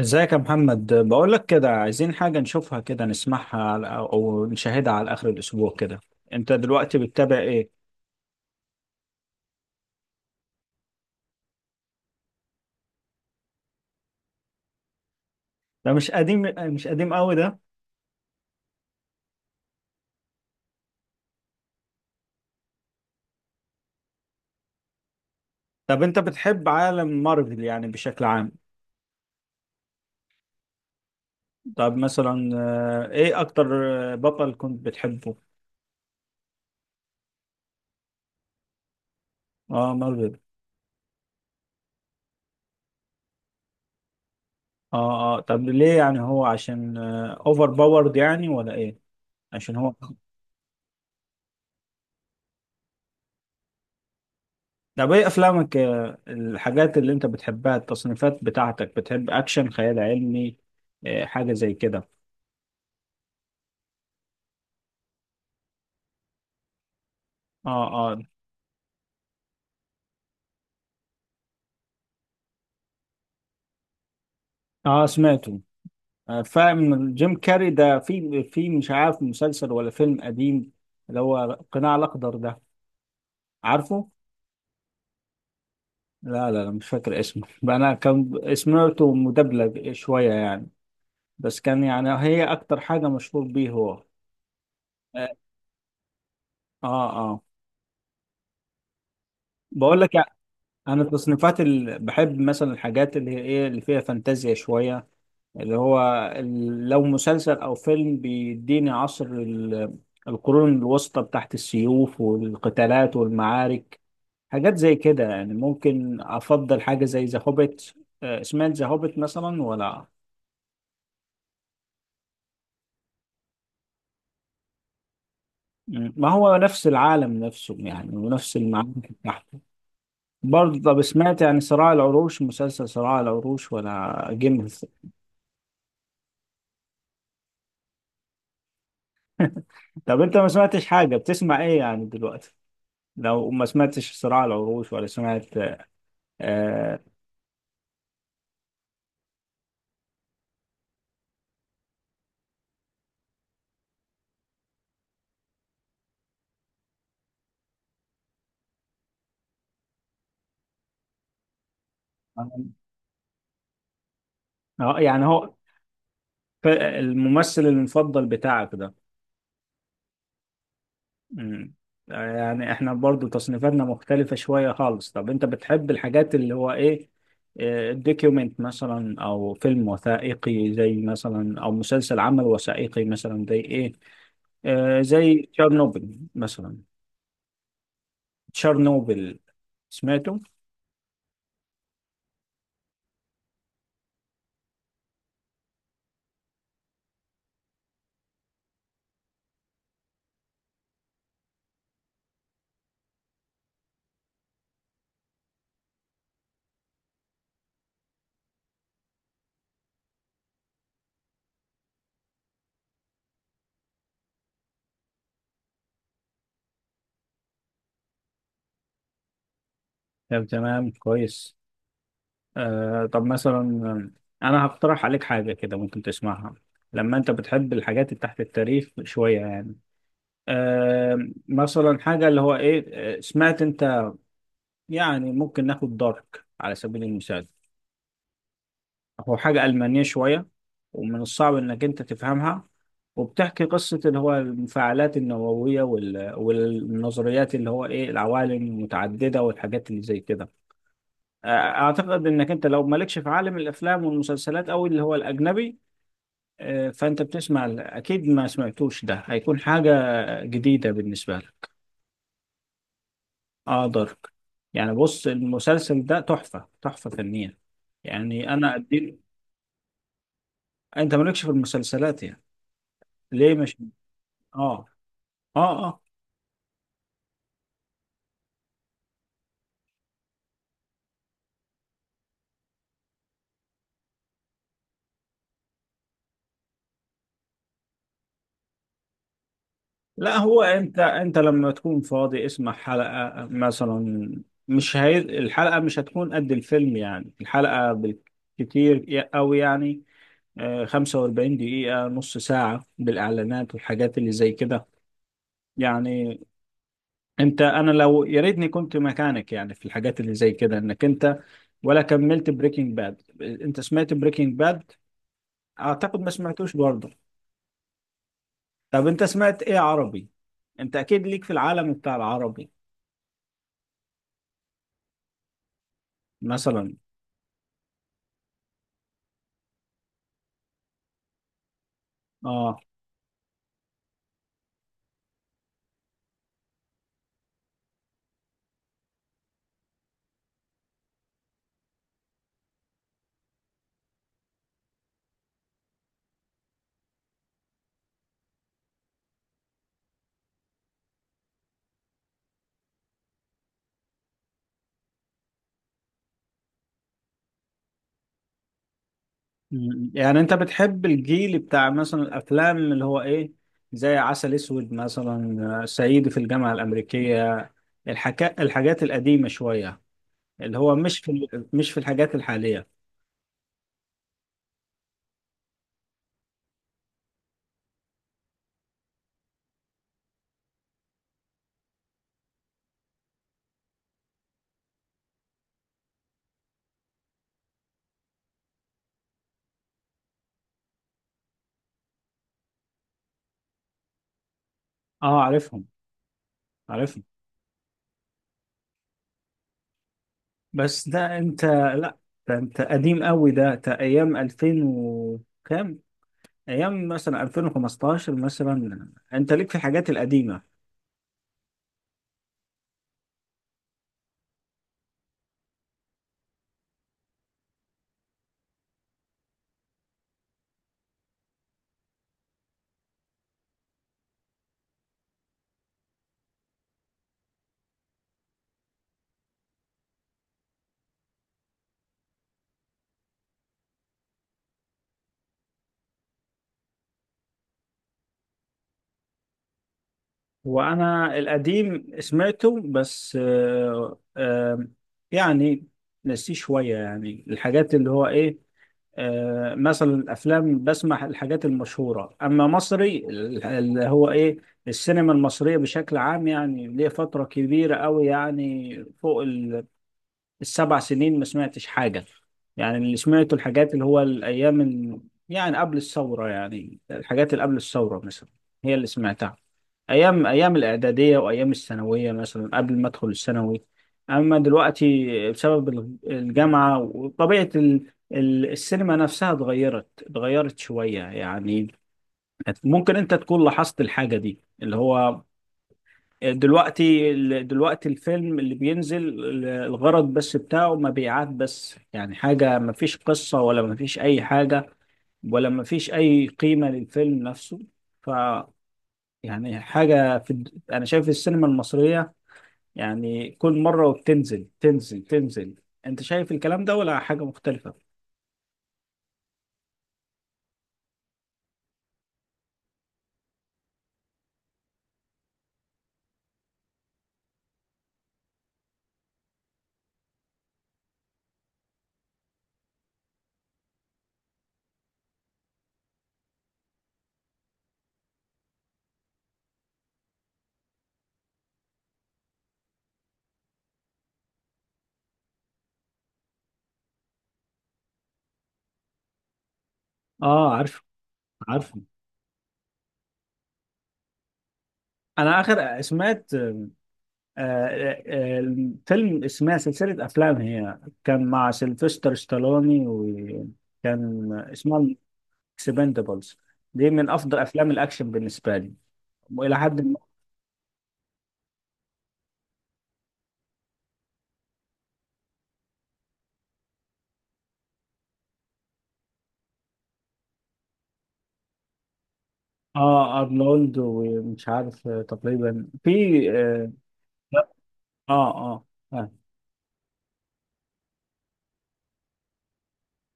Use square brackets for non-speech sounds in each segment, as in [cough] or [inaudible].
ازيك يا محمد؟ بقول لك كده، عايزين حاجة نشوفها كده، نسمعها او نشاهدها على آخر الأسبوع كده. انت دلوقتي بتتابع ايه؟ ده مش قديم، مش قديم قوي ده. طب انت بتحب عالم مارفل يعني بشكل عام؟ طب مثلا ايه اكتر بطل كنت بتحبه؟ اه، مارفل. اه اه، طب ليه؟ يعني هو عشان اوفر باورد يعني، ولا ايه؟ عشان هو. طب ايه افلامك؟ الحاجات اللي انت بتحبها، التصنيفات بتاعتك. بتحب اكشن، خيال علمي، حاجة زي كده؟ اه. اه. اه سمعته. فاهم جيم كاري ده، في مش عارف مسلسل ولا فيلم قديم، اللي هو قناع الاخضر ده، عارفه؟ لا لا لا، مش فاكر اسمه [laughs] بقى انا كان سمعته مدبلج شوية يعني، بس كان يعني هي اكتر حاجة مشهور بيه هو. اه. اه. آه. بقول لك، انا التصنيفات اللي بحب، مثلا الحاجات اللي هي ايه، اللي فيها فانتازيا شويه، اللي هو لو مسلسل او فيلم بيديني عصر القرون الوسطى بتاعت السيوف والقتالات والمعارك، حاجات زي كده يعني. ممكن افضل حاجه زي ذا هوبيت. سمعت ذا هوبيت مثلا ولا؟ مم. ما هو نفس العالم نفسه يعني، ونفس المعارك بتاعته. برضه، طب سمعت يعني صراع العروش، مسلسل صراع العروش ولا جيم؟ طب انت ما سمعتش حاجة؟ بتسمع ايه يعني دلوقتي لو ما سمعتش صراع العروش ولا سمعت؟ آه يعني هو الممثل المفضل بتاعك ده؟ مم. يعني احنا برضو تصنيفاتنا مختلفة شوية خالص. طب انت بتحب الحاجات اللي هو ايه، الدوكيومنت مثلا، او فيلم وثائقي زي مثلا، او مسلسل عمل وثائقي مثلا، زي ايه، زي تشيرنوبل مثلا؟ تشيرنوبل، سمعته؟ طب تمام، كويس. طب مثلا انا هقترح عليك حاجه كده ممكن تسمعها، لما انت بتحب الحاجات اللي تحت التاريخ شويه يعني. آه مثلا حاجه اللي هو ايه، سمعت انت، يعني ممكن ناخد دارك على سبيل المثال. هو حاجه المانيه شويه، ومن الصعب انك انت تفهمها، وبتحكي قصه اللي هو المفاعلات النوويه والنظريات اللي هو ايه، العوالم المتعدده والحاجات اللي زي كده. اعتقد انك انت لو مالكش في عالم الافلام والمسلسلات او اللي هو الاجنبي، فانت بتسمع اكيد ما سمعتوش، ده هيكون حاجة جديدة بالنسبة لك. اه، دارك. يعني بص، المسلسل ده تحفة، تحفة فنية. يعني انا اديله. انت مالكش في المسلسلات يعني؟ ليه؟ مش اه. اه اه. لا هو انت، انت لما تكون فاضي اسمع حلقة مثلا. مش هي... الحلقة مش هتكون قد الفيلم يعني، الحلقة بالكتير او يعني 45 دقيقة، نص ساعة بالإعلانات والحاجات اللي زي كده يعني. انت، انا لو يا ريتني كنت مكانك يعني في الحاجات اللي زي كده، انك انت ولا كملت بريكنج باد. انت سمعت بريكنج باد؟ اعتقد ما سمعتوش برضه. طب انت سمعت ايه عربي؟ انت اكيد ليك في العالم بتاع العربي. مثلا؟ اه. يعني انت بتحب الجيل بتاع مثلا الافلام اللي هو ايه، زي عسل اسود مثلا، صعيدي في الجامعة الامريكية، الحاجات القديمة شوية، اللي هو مش في مش في الحاجات الحالية؟ اه، عارفهم، عارفه. بس ده انت، لا، ده انت قديم قوي ده ايام 2000 وكام. ايام مثلا 2015 مثلا انت ليك في الحاجات القديمه. وانا القديم سمعته، بس يعني نسيه شويه يعني. الحاجات اللي هو ايه، مثلا الافلام، بسمع الحاجات المشهوره. اما مصري اللي هو ايه، السينما المصريه بشكل عام، يعني ليه فتره كبيره قوي يعني، فوق السبع سنين ما سمعتش حاجة. يعني اللي سمعته الحاجات اللي هو الأيام يعني قبل الثورة، يعني الحاجات اللي قبل الثورة مثلا، هي اللي سمعتها، أيام، أيام الإعدادية وأيام الثانوية مثلا قبل ما أدخل الثانوي. أما دلوقتي، بسبب الجامعة وطبيعة السينما نفسها، اتغيرت شوية يعني. ممكن أنت تكون لاحظت الحاجة دي، اللي هو دلوقتي، دلوقتي الفيلم اللي بينزل الغرض بس بتاعه مبيعات بس يعني، حاجة مفيش قصة، ولا مفيش أي حاجة، ولا مفيش أي قيمة للفيلم نفسه. ف يعني حاجة أنا شايف السينما المصرية يعني كل مرة وبتنزل، تنزل، تنزل. أنت شايف الكلام ده، ولا حاجة مختلفة؟ اه عارفه، عارفه. أنا آخر سمعت الفيلم اسمها سلسلة أفلام هي، كان مع سيلفستر ستالوني، وكان اسمها اكسبندبلز. دي من أفضل أفلام الأكشن بالنسبة لي، وإلى حد ما أرنولد ومش عارف تقريبا في. آه آه آه آه.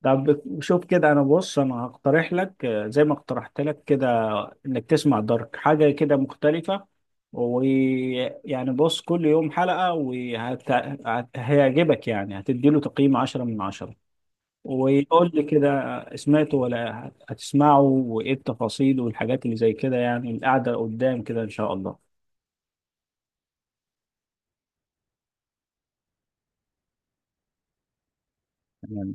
طب شوف كده، أنا بص أنا هقترح لك زي ما اقترحت لك كده، انك تسمع دارك، حاجة كده مختلفة. ويعني بص، كل يوم حلقة وهيعجبك يعني، هتديله تقييم 10 من 10، ويقول لي كده سمعته ولا هتسمعه، وايه التفاصيل والحاجات اللي زي كده يعني، القعدة قدام كده ان شاء الله. تمام.